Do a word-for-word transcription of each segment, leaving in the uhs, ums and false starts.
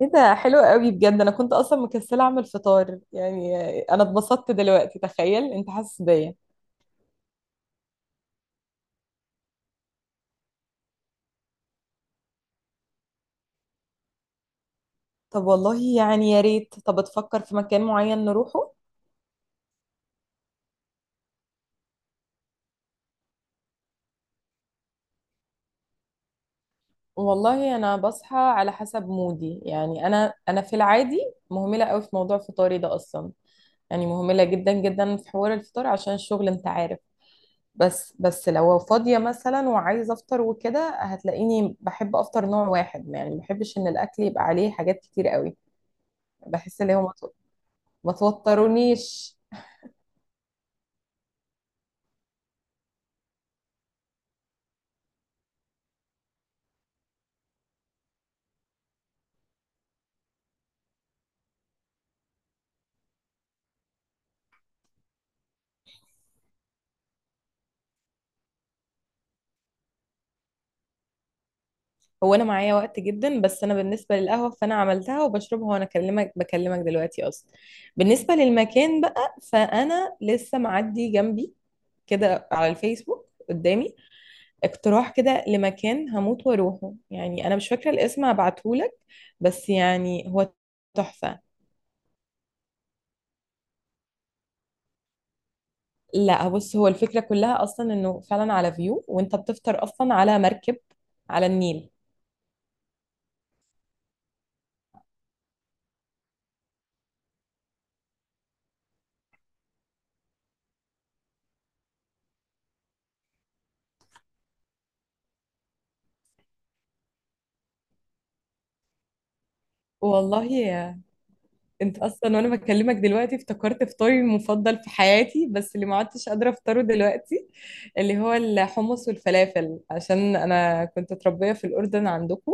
ايه ده حلو قوي بجد، انا كنت اصلا مكسله اعمل فطار يعني. انا اتبسطت دلوقتي، تخيل انت حاسس بيا. طب والله يعني يا ريت، طب تفكر في مكان معين نروحه. والله انا بصحى على حسب مودي، يعني انا انا في العادي مهمله قوي في موضوع فطاري ده اصلا. يعني مهمله جدا جدا في حوار الفطار عشان الشغل انت عارف. بس بس لو فاضيه مثلا وعايزه افطر وكده، هتلاقيني بحب افطر نوع واحد، يعني ما بحبش ان الاكل يبقى عليه حاجات كتير قوي. بحس ان هو ما توترونيش. هو انا معايا وقت جدا، بس انا بالنسبه للقهوه فانا عملتها وبشربها وانا اكلمك بكلمك دلوقتي اصلا. بالنسبه للمكان بقى، فانا لسه معدي جنبي كده على الفيسبوك قدامي اقتراح كده لمكان هموت واروحه، يعني انا مش فاكره الاسم، هبعتهولك، بس يعني هو تحفه. لا بص، هو الفكره كلها اصلا انه فعلا على فيو، وانت بتفطر اصلا على مركب على النيل. والله انت اصلا وانا بكلمك دلوقتي افتكرت فطاري المفضل في حياتي، بس اللي ما عدتش قادره افطره دلوقتي، اللي هو الحمص والفلافل، عشان انا كنت متربيه في الاردن عندكم،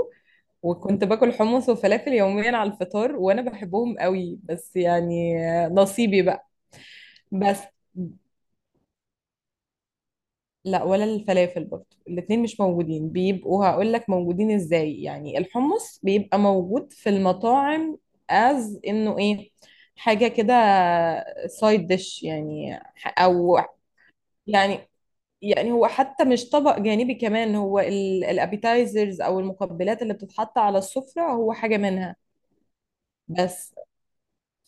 وكنت باكل حمص وفلافل يوميا على الفطار وانا بحبهم قوي، بس يعني نصيبي بقى. بس. لا ولا الفلافل برضه، الاتنين مش موجودين. بيبقوا هقول لك موجودين ازاي، يعني الحمص بيبقى موجود في المطاعم، از انه ايه، حاجة كده، سايد ديش يعني، ح- او يعني. يعني هو حتى مش طبق جانبي كمان، هو الابيتايزرز او المقبلات اللي بتتحط على السفرة، هو حاجة منها. بس،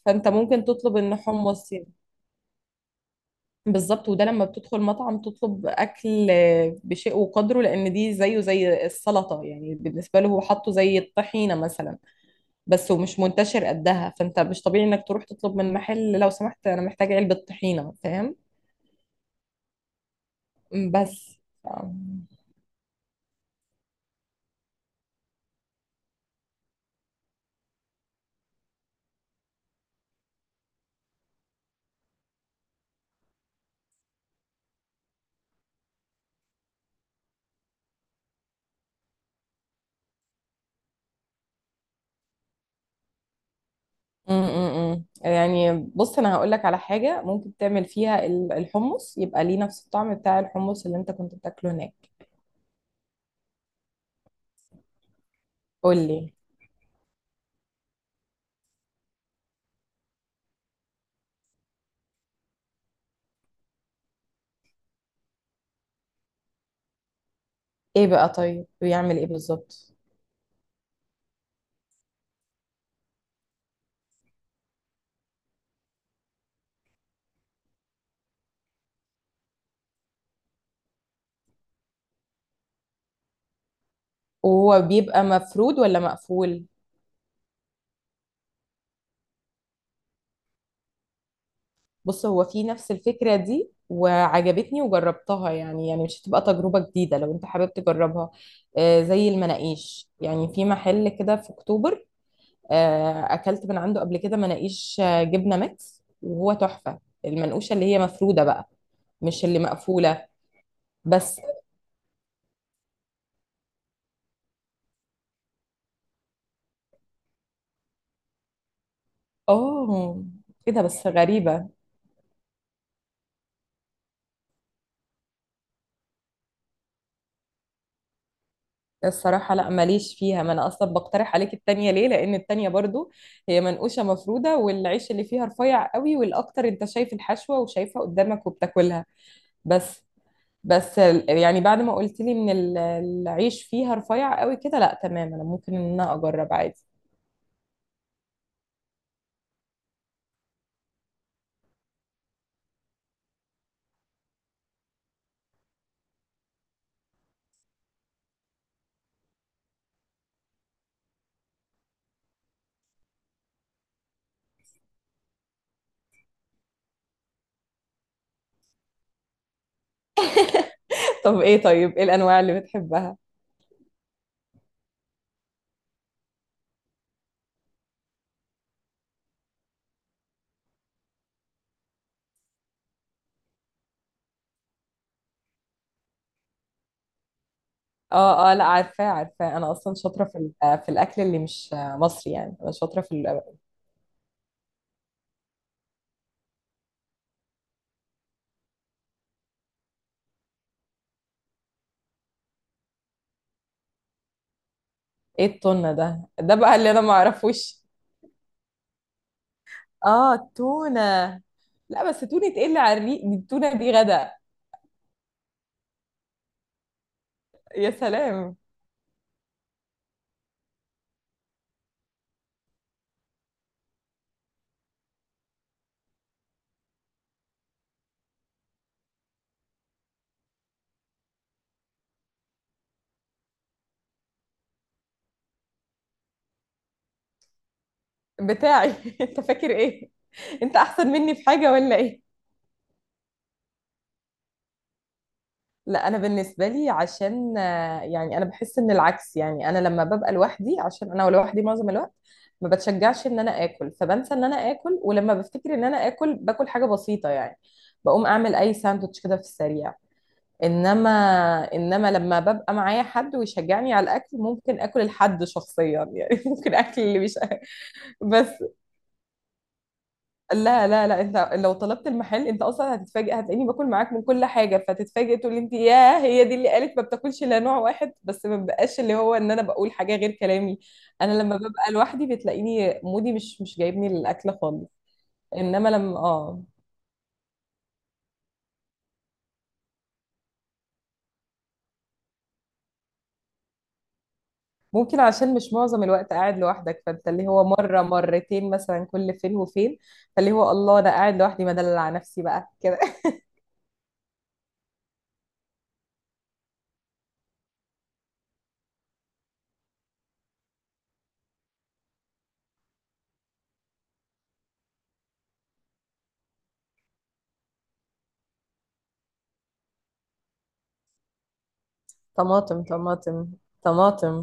فانت ممكن تطلب ان حمص. بالظبط، وده لما بتدخل مطعم تطلب اكل آه، بشيء وقدره، لان دي زيه زي السلطه، يعني بالنسبه له هو حاطه زي الطحينه مثلا. بس ومش منتشر قدها، فانت مش طبيعي انك تروح تطلب من محل لو سمحت انا محتاجه علبه طحينه، فاهم. بس م- م- م. يعني بص انا هقول لك على حاجه ممكن تعمل فيها ال- الحمص يبقى ليه نفس الطعم بتاع الحمص اللي انت كنت بتاكله هناك. قول لي. ايه بقى، طيب بيعمل ايه بالظبط؟ وهو بيبقى مفرود ولا مقفول؟ بص هو في نفس الفكرة دي وعجبتني وجربتها، يعني يعني مش هتبقى تجربة جديدة لو انت حابب تجربها. آه زي المناقيش، يعني في محل كده في اكتوبر. آه اكلت من عنده قبل كده مناقيش آه، جبنة ميكس، وهو تحفة المنقوشة اللي هي مفرودة بقى، مش اللي مقفولة. بس اه. ايه ده، بس غريبة. الصراحة لا، ماليش فيها، ما أنا أصلا بقترح عليك التانية ليه، لأن التانية برضو هي منقوشة مفرودة والعيش اللي فيها رفيع قوي، والأكتر أنت شايف الحشوة وشايفها قدامك وبتاكلها. بس، بس ال- يعني بعد ما قلت لي إن ال- العيش فيها رفيع قوي كده، لا تمام، أنا ممكن إن أنا أجرب عادي. طب إيه طيب إيه الأنواع اللي بتحبها؟ اه اه، لا عارفاه عارفاه، انا اصلا شاطره في ال- في الاكل اللي مش مصري، يعني انا شاطره في ال- ايه التونه ده ده بقى اللي انا ما اعرفوش. اه التونه. لا، بس تونه ايه اللي على الريق، دي التونه دي غدا. يا سلام. بتاعي؟ انت فاكر ايه؟ انت احسن مني في حاجه ولا ايه؟ لا انا بالنسبه لي عشان آه، يعني انا بحس ان العكس، يعني انا لما ببقى لوحدي، عشان انا لوحدي معظم الوقت ما بتشجعش ان انا اكل، فبنسى ان انا اكل، ولما بفتكر ان انا اكل باكل حاجه بسيطه، يعني بقوم اعمل اي ساندوتش كده في السريع. انما انما لما ببقى معايا حد ويشجعني على الاكل، ممكن اكل الحد شخصيا يعني. ممكن اكل اللي مش بس. لا لا لا، انت لو طلبت المحل انت اصلا هتتفاجئ، هتلاقيني باكل معاك من كل حاجه، فتتفاجئ تقول لي انت، ياه، هي دي اللي قالت ما بتاكلش الا نوع واحد، بس ما بقاش اللي هو ان انا بقول حاجه غير كلامي. انا لما ببقى لوحدي بتلاقيني مودي مش مش جايبني للاكل خالص. انما لما اه ممكن، عشان مش معظم الوقت قاعد لوحدك، فانت اللي هو مره مرتين مثلا كل فين وفين. فاللي هو الله، انا قاعد لوحدي مدلل على نفسي بقى كده. طماطم طماطم طماطم.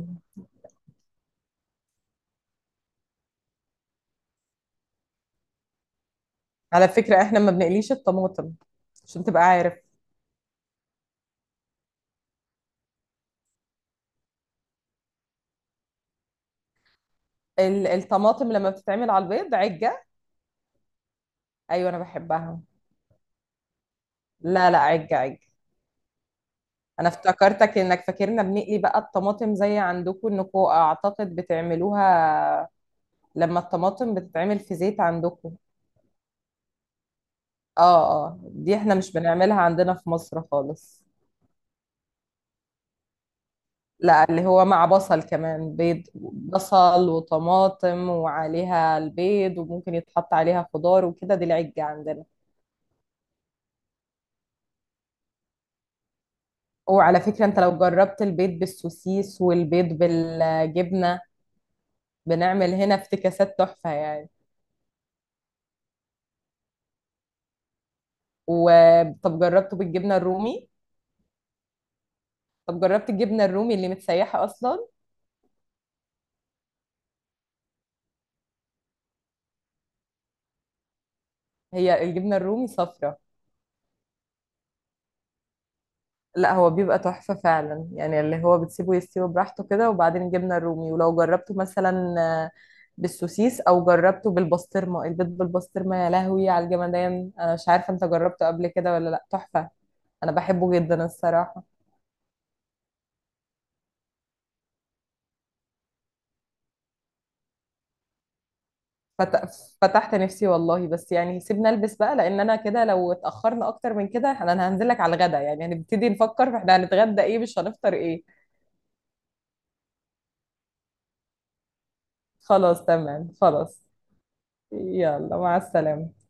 على فكره احنا ما بنقليش الطماطم عشان تبقى عارف. ال- الطماطم لما بتتعمل على البيض عجة. ايوه انا بحبها. لا لا، عجة عجة. انا افتكرتك انك فاكرنا بنقلي بقى الطماطم زي عندكم، انكم اعتقد بتعملوها لما الطماطم بتتعمل في زيت عندكم. اه اه، دي احنا مش بنعملها عندنا في مصر خالص. لا، اللي هو مع بصل كمان بيض، بصل وطماطم وعليها البيض، وممكن يتحط عليها خضار وكده، دي العجة عندنا. وعلى فكرة انت لو جربت البيض بالسوسيس والبيض بالجبنة، بنعمل هنا افتكاسات تحفة يعني. وطب جربته بالجبنة الرومي؟ طب جربت الجبنة الرومي اللي متسيحة أصلا؟ هي الجبنة الرومي صفرة. لا هو بيبقى تحفة فعلا، يعني اللي هو بتسيبه يستوي براحته كده وبعدين الجبنة الرومي، ولو جربته مثلا آه، بالسوسيس، أو جربته بالبسطرمة، البيض بالبسطرمة يا لهوي على الجمدان، أنا مش عارفة أنت جربته قبل كده ولا لأ، تحفة. أنا بحبه جدا الصراحة. فت... فتحت نفسي والله. بس يعني سيبنا البس بقى، لان انا كده لو اتاخرنا اكتر من كده انا أنا هنزل لك على الغدا، يعني هنبتدي نفكر احنا هنتغدى ايه مش هنفطر ايه. خلاص تمام خلاص. يلا مع السلامة.